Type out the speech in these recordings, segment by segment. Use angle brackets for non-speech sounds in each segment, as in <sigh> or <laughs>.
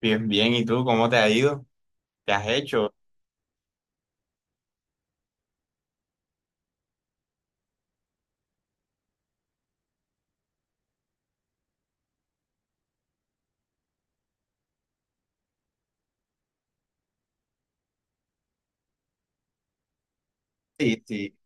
Bien, bien. ¿Y tú cómo te ha ido? ¿Te has hecho? Sí, sí.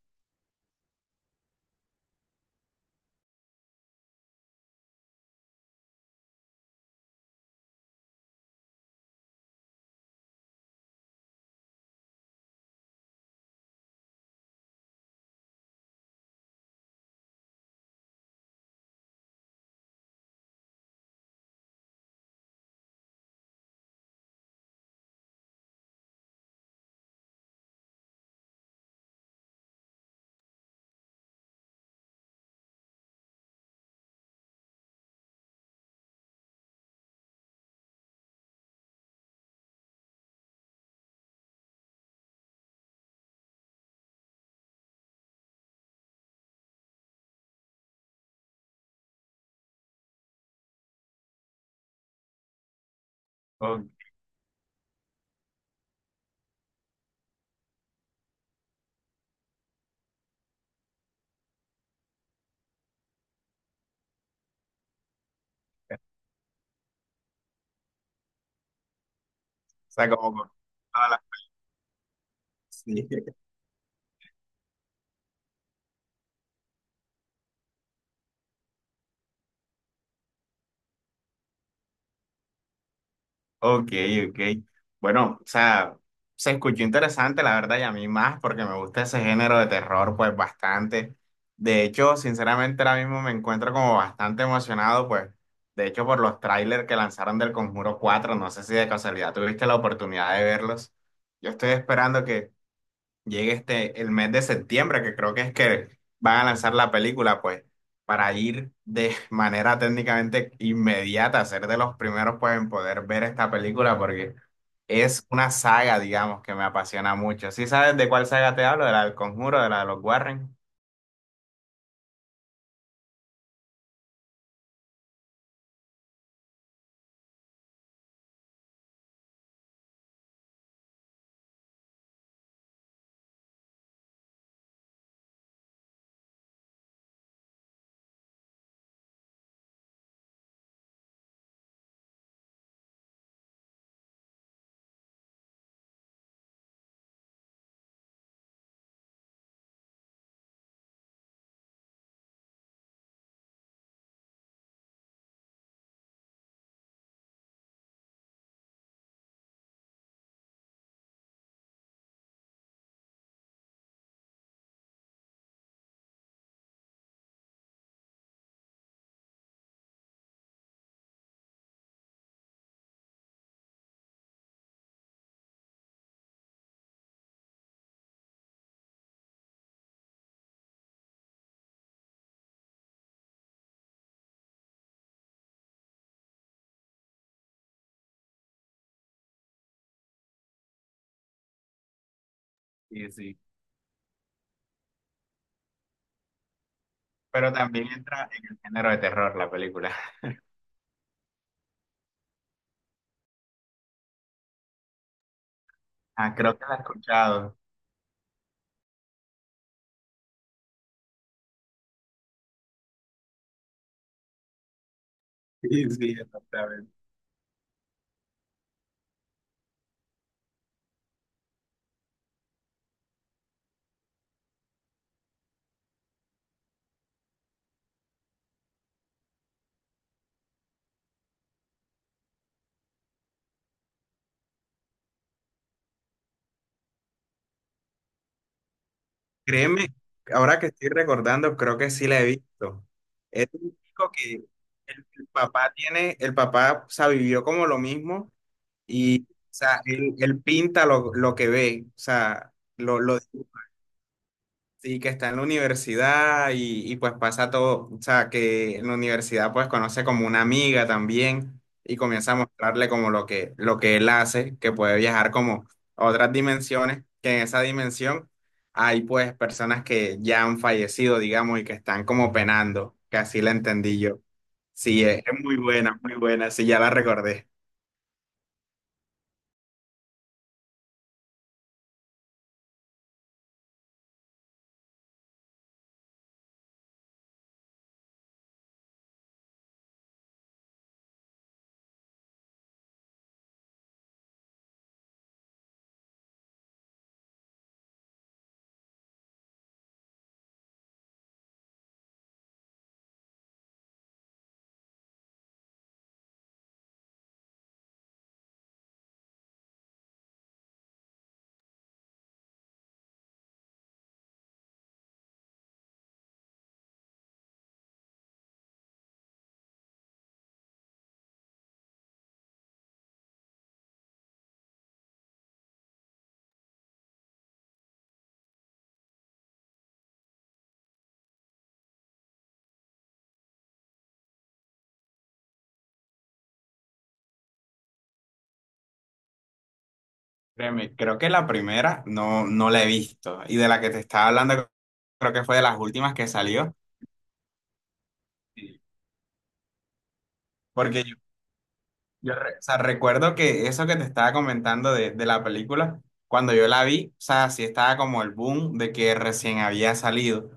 O sea, como... con toda la- Sí. <laughs> Ok, ok. Bueno, o sea, se escuchó interesante, la verdad, y a mí más, porque me gusta ese género de terror, pues bastante. De hecho, sinceramente, ahora mismo me encuentro como bastante emocionado, pues, de hecho, por los trailers que lanzaron del Conjuro cuatro. No sé si de casualidad tuviste la oportunidad de verlos. Yo estoy esperando que llegue este el mes de septiembre, que creo que es que van a lanzar la película, pues, para ir de <laughs> manera técnicamente inmediata, a ser de los primeros, pues, en poder ver esta película, porque es una saga, digamos, que me apasiona mucho. ¿Sí sabes de cuál saga te hablo? De la del Conjuro, de la de los Warren. Sí, sí. Pero también entra en el género de terror la película. <laughs> Ah, creo que la he escuchado. Sí, sí, exactamente. Créeme, ahora que estoy recordando, creo que sí la he visto. Es un chico que el papá tiene, el papá, o sea, vivió como lo mismo y, o sea, él pinta lo que ve, o sea, lo dibuja. Sí, que está en la universidad y pues pasa todo, o sea, que en la universidad pues conoce como una amiga también y comienza a mostrarle como lo que él hace, que puede viajar como a otras dimensiones, que en esa dimensión hay pues personas que ya han fallecido, digamos, y que están como penando, que así la entendí yo. Sí, es muy buena, sí, ya la recordé. Créeme, creo que la primera no, no la he visto y de la que te estaba hablando creo que fue de las últimas que salió. Porque yo re- O sea, recuerdo que eso que te estaba comentando de la película, cuando yo la vi, o sea, sí estaba como el boom de que recién había salido.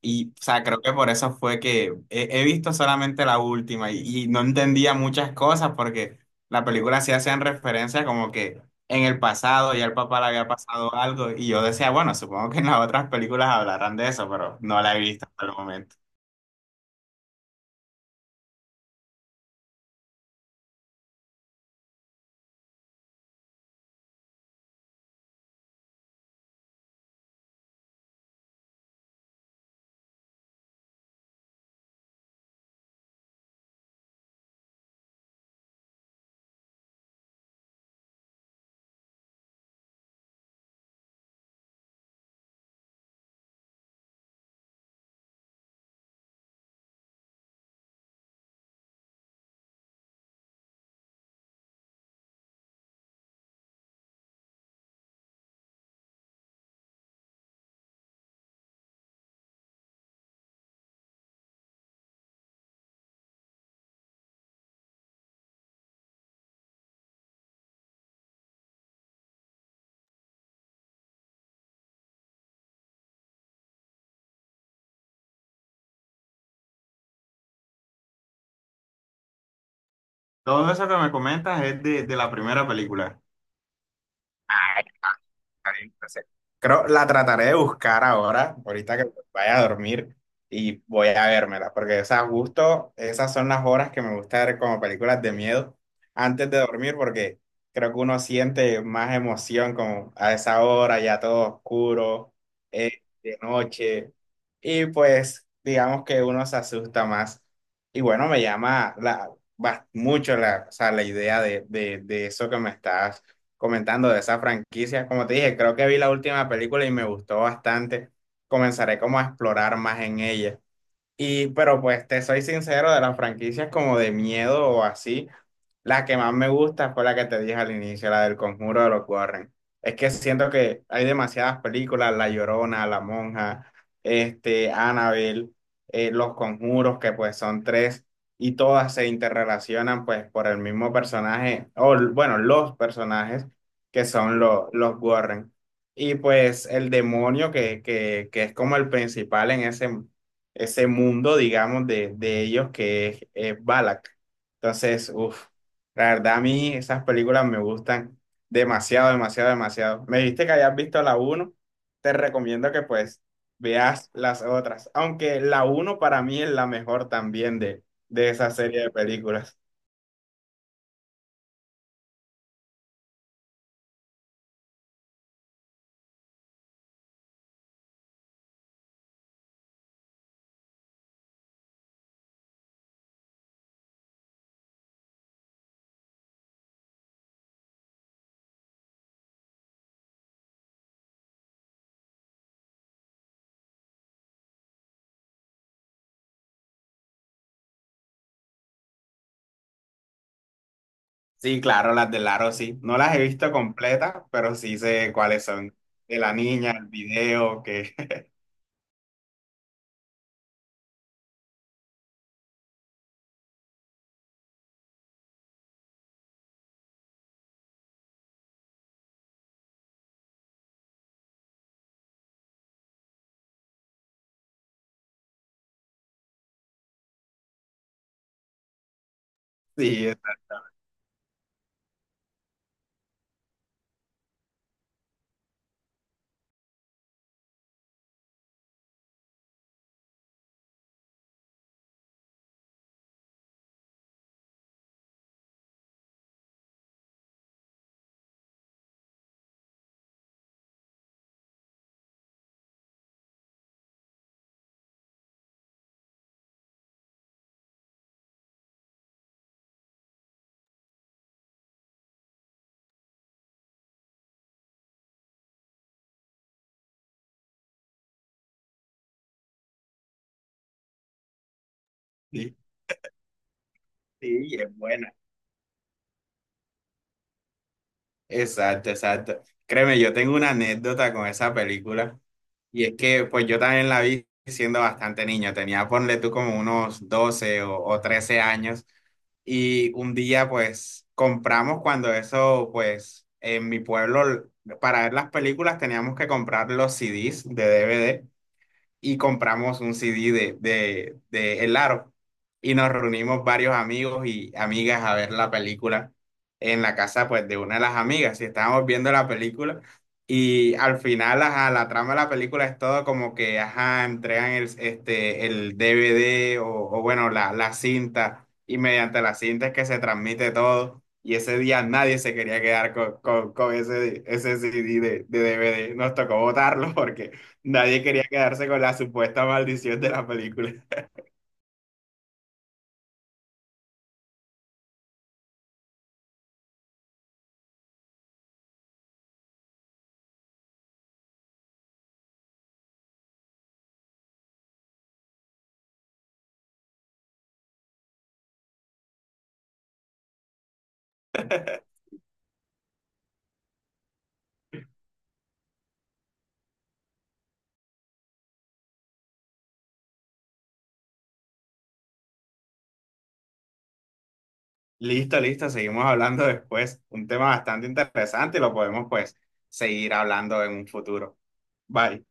Y, o sea, creo que por eso fue que he, he visto solamente la última y no entendía muchas cosas porque la película sí hacían referencia como que en el pasado ya el papá le había pasado algo, y yo decía, bueno, supongo que en las otras películas hablarán de eso, pero no la he visto hasta el momento. Todo eso que me comentas es de la primera película. Entonces, creo la trataré de buscar ahora, ahorita que vaya a dormir y voy a vérmela, porque o sea, justo esas son las horas que me gusta ver como películas de miedo antes de dormir, porque creo que uno siente más emoción como a esa hora, ya todo oscuro, eh, de noche, y pues digamos que uno se asusta más. Y bueno, me llama mucho la, o sea, la idea de eso que me estás comentando de esa franquicia. Como te dije, creo que vi la última película y me gustó bastante. Comenzaré como a explorar más en ella. Y, pero pues te soy sincero, de las franquicias como de miedo o así, la que más me gusta fue la que te dije al inicio, la del Conjuro de los Warren. Es que siento que hay demasiadas películas: La Llorona, La Monja, este, Annabelle, Los Conjuros, que pues son tres, y todas se interrelacionan pues por el mismo personaje, bueno, los personajes que son los Warren. Y pues el demonio que es como el principal en ese mundo, digamos, de ellos que es Balak. Entonces, uff, la verdad a mí esas películas me gustan demasiado, demasiado, demasiado. Me dijiste que hayas visto la uno, te recomiendo que pues veas las otras, aunque la uno para mí es la mejor también de esa serie de películas. Sí, claro, las de Laro sí. No las he visto completas, pero sí sé cuáles son. De la niña, el video, que <laughs> sí, es así. Sí, es bueno. Exacto, exacto. Créeme, yo tengo una anécdota con esa película, y es que pues yo también la vi siendo bastante niño, tenía ponle tú como unos 12 o 13 años, y un día pues compramos, cuando eso pues en mi pueblo, para ver las películas teníamos que comprar los CDs de DVD, y compramos un CD de El Aro. Y nos reunimos varios amigos y amigas a ver la película en la casa pues de una de las amigas, y estábamos viendo la película y al final ajá, la trama de la película es todo como que ajá, entregan el, este, el DVD o bueno la cinta, y mediante la cinta es que se transmite todo, y ese día nadie se quería quedar con ese, ese CD de DVD, nos tocó botarlo <laughs> porque nadie quería quedarse con la supuesta maldición de la película. <laughs> Listo, listo, seguimos hablando después. Un tema bastante interesante y lo podemos pues seguir hablando en un futuro. Bye.